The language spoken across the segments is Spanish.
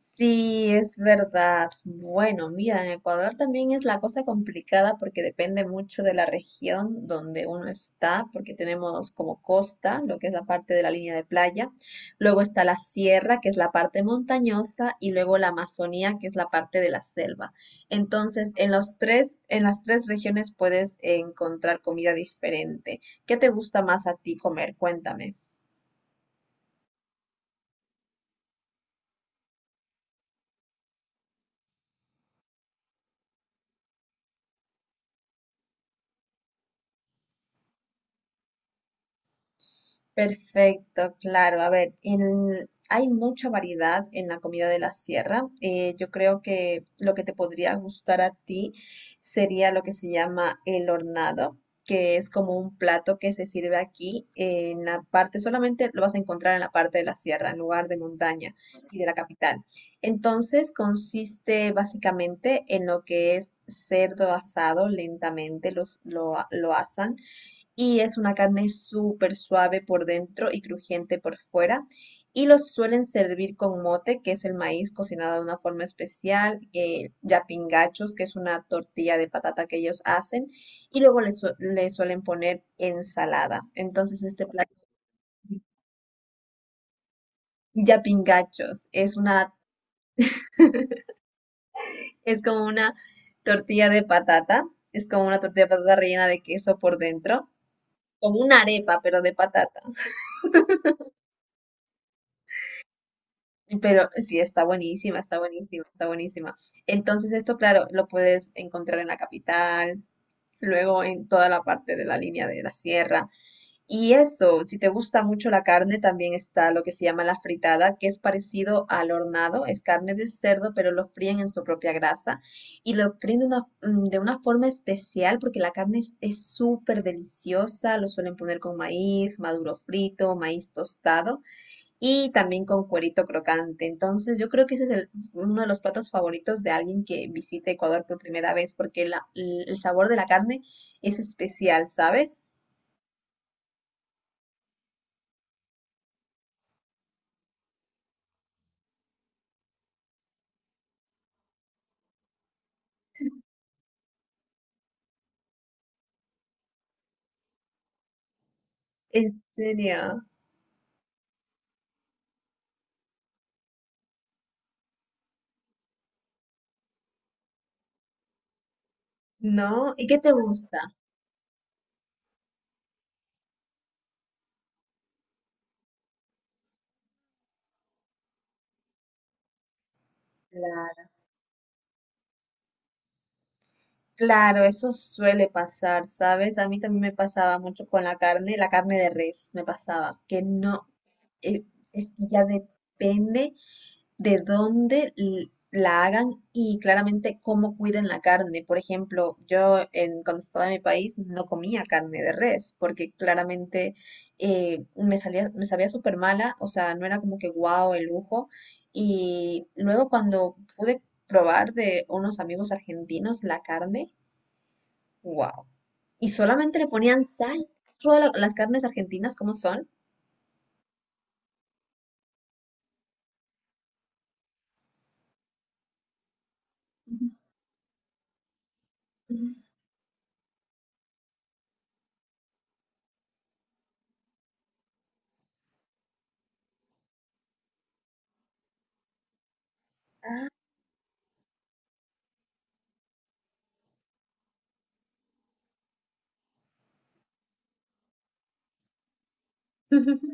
Sí, es verdad. Bueno, mira, en Ecuador también es la cosa complicada porque depende mucho de la región donde uno está, porque tenemos como costa, lo que es la parte de la línea de playa, luego está la sierra, que es la parte montañosa, y luego la Amazonía, que es la parte de la selva. Entonces, en las tres regiones puedes encontrar comida diferente. ¿Qué te gusta más a ti comer? Cuéntame. Perfecto, claro. A ver, hay mucha variedad en la comida de la sierra. Yo creo que lo que te podría gustar a ti sería lo que se llama el hornado, que es como un plato que se sirve aquí en la parte, solamente lo vas a encontrar en la parte de la sierra, en lugar de montaña y de la capital. Entonces, consiste básicamente en lo que es cerdo asado lentamente, lo asan y es una carne súper suave por dentro y crujiente por fuera. Y los suelen servir con mote, que es el maíz cocinado de una forma especial, yapingachos, que es una tortilla de patata que ellos hacen, y luego le suelen poner ensalada. Entonces este plato, yapingachos, es como una tortilla de patata, es como una tortilla de patata rellena de queso por dentro, como una arepa, pero de patata. Pero sí, está buenísima, está buenísima, está buenísima. Entonces esto, claro, lo puedes encontrar en la capital, luego en toda la parte de la línea de la sierra. Y eso, si te gusta mucho la carne, también está lo que se llama la fritada, que es parecido al hornado, es carne de cerdo, pero lo fríen en su propia grasa y lo fríen de una, de una forma especial porque la carne es súper deliciosa, lo suelen poner con maíz, maduro frito, maíz tostado y también con cuerito crocante. Entonces, yo creo que ese es uno de los platos favoritos de alguien que visite Ecuador por primera vez, porque el sabor de la carne es especial, ¿sabes? En serio, ¿no? ¿Y qué te gusta? Claro. Claro, eso suele pasar, ¿sabes? A mí también me pasaba mucho con la carne de res, me pasaba, que no, eh, es que ya depende de dónde la hagan y claramente cómo cuiden la carne. Por ejemplo, cuando estaba en mi país no comía carne de res porque claramente me salía, me sabía súper mala, o sea, no era como que guau el lujo. Y luego cuando pude probar de unos amigos argentinos la carne, wow. Y solamente le ponían sal. Todas las carnes argentinas, ¿cómo son? Ujú.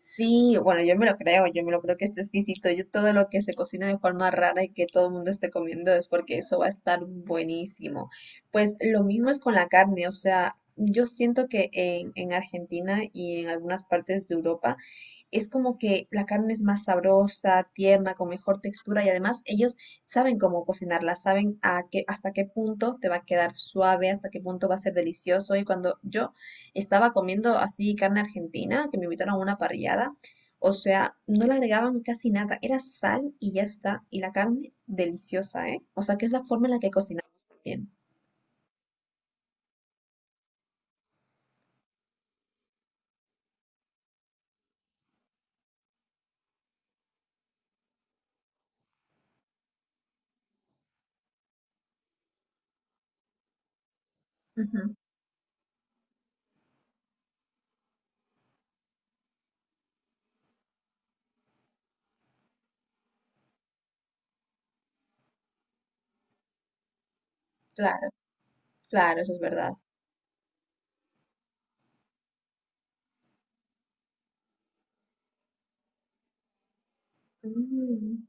Sí, bueno, yo me lo creo, yo me lo creo que esté exquisito. Yo todo lo que se cocina de forma rara y que todo el mundo esté comiendo es porque eso va a estar buenísimo. Pues lo mismo es con la carne, o sea, yo siento que en Argentina y en algunas partes de Europa es como que la carne es más sabrosa, tierna, con mejor textura y además ellos saben cómo cocinarla, saben a qué, hasta qué punto te va a quedar suave, hasta qué punto va a ser delicioso y cuando yo... Estaba comiendo así carne argentina, que me invitaron a una parrillada. O sea, no le agregaban casi nada, era sal y ya está. Y la carne deliciosa, ¿eh? O sea, que es la forma en la que cocinamos también. Ujú. Claro, claro, eso es verdad. Mm,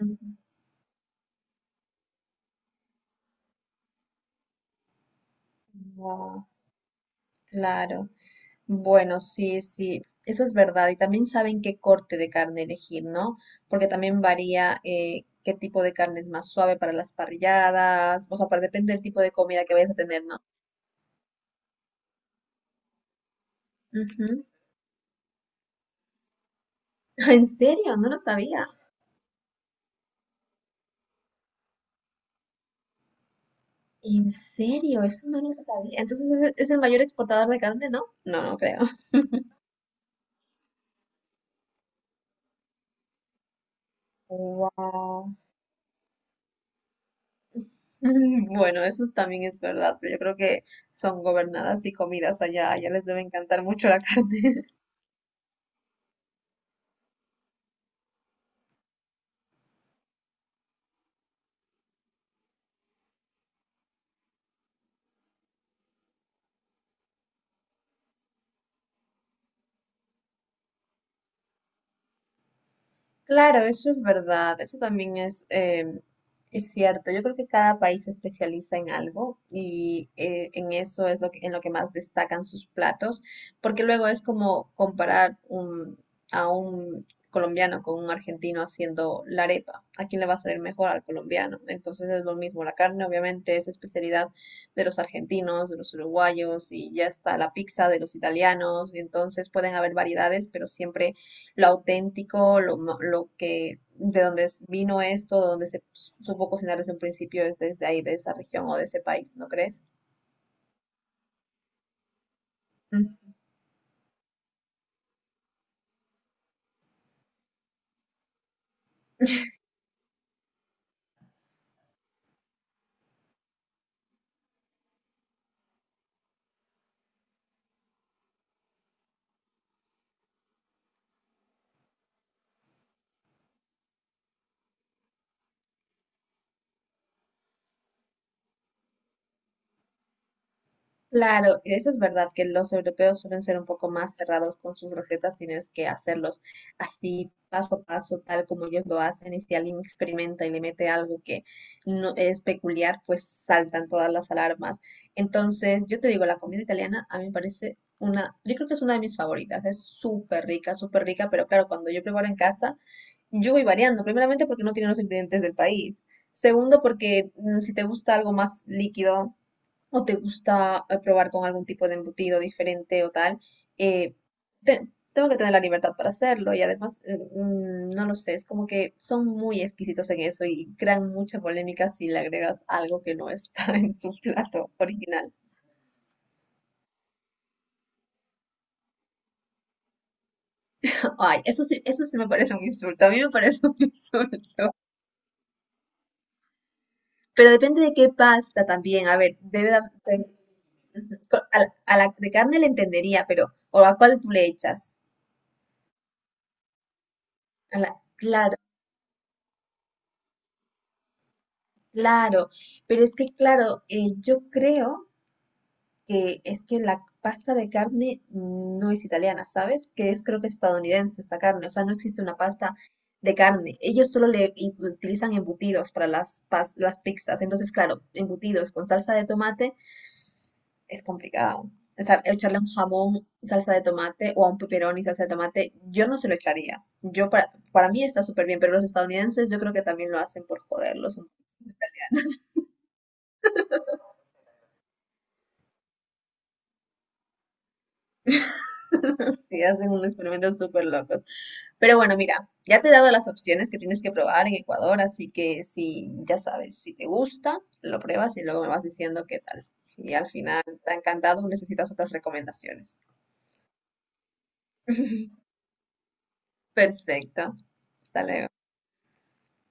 ujú. Guau, claro. Bueno, sí, sí, eso es verdad. Y también saben qué corte de carne elegir, ¿no? Porque también varía qué tipo de carne es más suave para las parrilladas, o sea, para, depende del tipo de comida que vayas a tener, ¿no? Ujú. ¿En serio? No lo sabía. ¿En serio? Eso no lo sabía. Entonces, el es el mayor exportador de carne, ¿no? No, no creo. Wow. Bueno, eso también es verdad, pero yo creo que son gobernadas y comidas allá, allá les debe encantar mucho la carne. Claro, eso es verdad, eso también es, es cierto. Yo creo que cada país se especializa en algo y en eso es lo que, en lo que más destacan sus platos, porque luego es como comparar a un colombiano con un argentino haciendo la arepa. ¿A quién le va a salir mejor al colombiano? Entonces es lo mismo, la carne obviamente es especialidad de los argentinos, de los uruguayos y ya está la pizza de los italianos, y entonces pueden haber variedades, pero siempre lo auténtico, lo que, de dónde vino esto, de dónde se supo cocinar desde un principio, es desde ahí, de esa región o de ese país, ¿no crees? Claro, eso es verdad que los europeos suelen ser un poco más cerrados con sus recetas, tienes que hacerlos así, paso a paso, tal como ellos lo hacen, y si alguien experimenta y le mete algo que no es peculiar, pues saltan todas las alarmas. Entonces, yo te digo, la comida italiana a mí me parece una, yo creo que es una de mis favoritas, es súper rica, pero claro, cuando yo preparo en casa, yo voy variando, primeramente porque no tienen los ingredientes del país, segundo porque si te gusta algo más líquido, o te gusta probar con algún tipo de embutido diferente o tal, eh, te- tengo que tener la libertad para hacerlo y además, no lo sé, es como que son muy exquisitos en eso y crean mucha polémica si le agregas algo que no está en su plato original. Ay, eso sí me parece un insulto, a mí me parece un insulto. Pero depende de qué pasta también, a ver, debe de ser... ujú, a a la de carne le entendería, pero ¿o a cuál tú le echas? A la, claro. Claro, pero es que, claro, yo creo que la pasta de carne no es italiana, ¿sabes? Que es Creo que es estadounidense esta carne, o sea, no existe una pasta de carne. Ellos solo le utilizan embutidos para las, las pizzas, entonces, claro, embutidos con salsa de tomate es complicado. O sea, echarle a un jamón salsa de tomate o a un pepperoni salsa de tomate, yo no se lo echaría. Yo para mí está súper bien, pero los estadounidenses yo creo que también lo hacen por joderlos un Sí, hacen unos experimentos súper locos. Pero bueno, mira, ya te he dado las opciones que tienes que probar en Ecuador, así que si ya sabes, si te gusta, pues, lo pruebas y luego me vas diciendo qué tal. Si al final te ha encantado, necesitas otras recomendaciones. Perfecto. Hasta luego.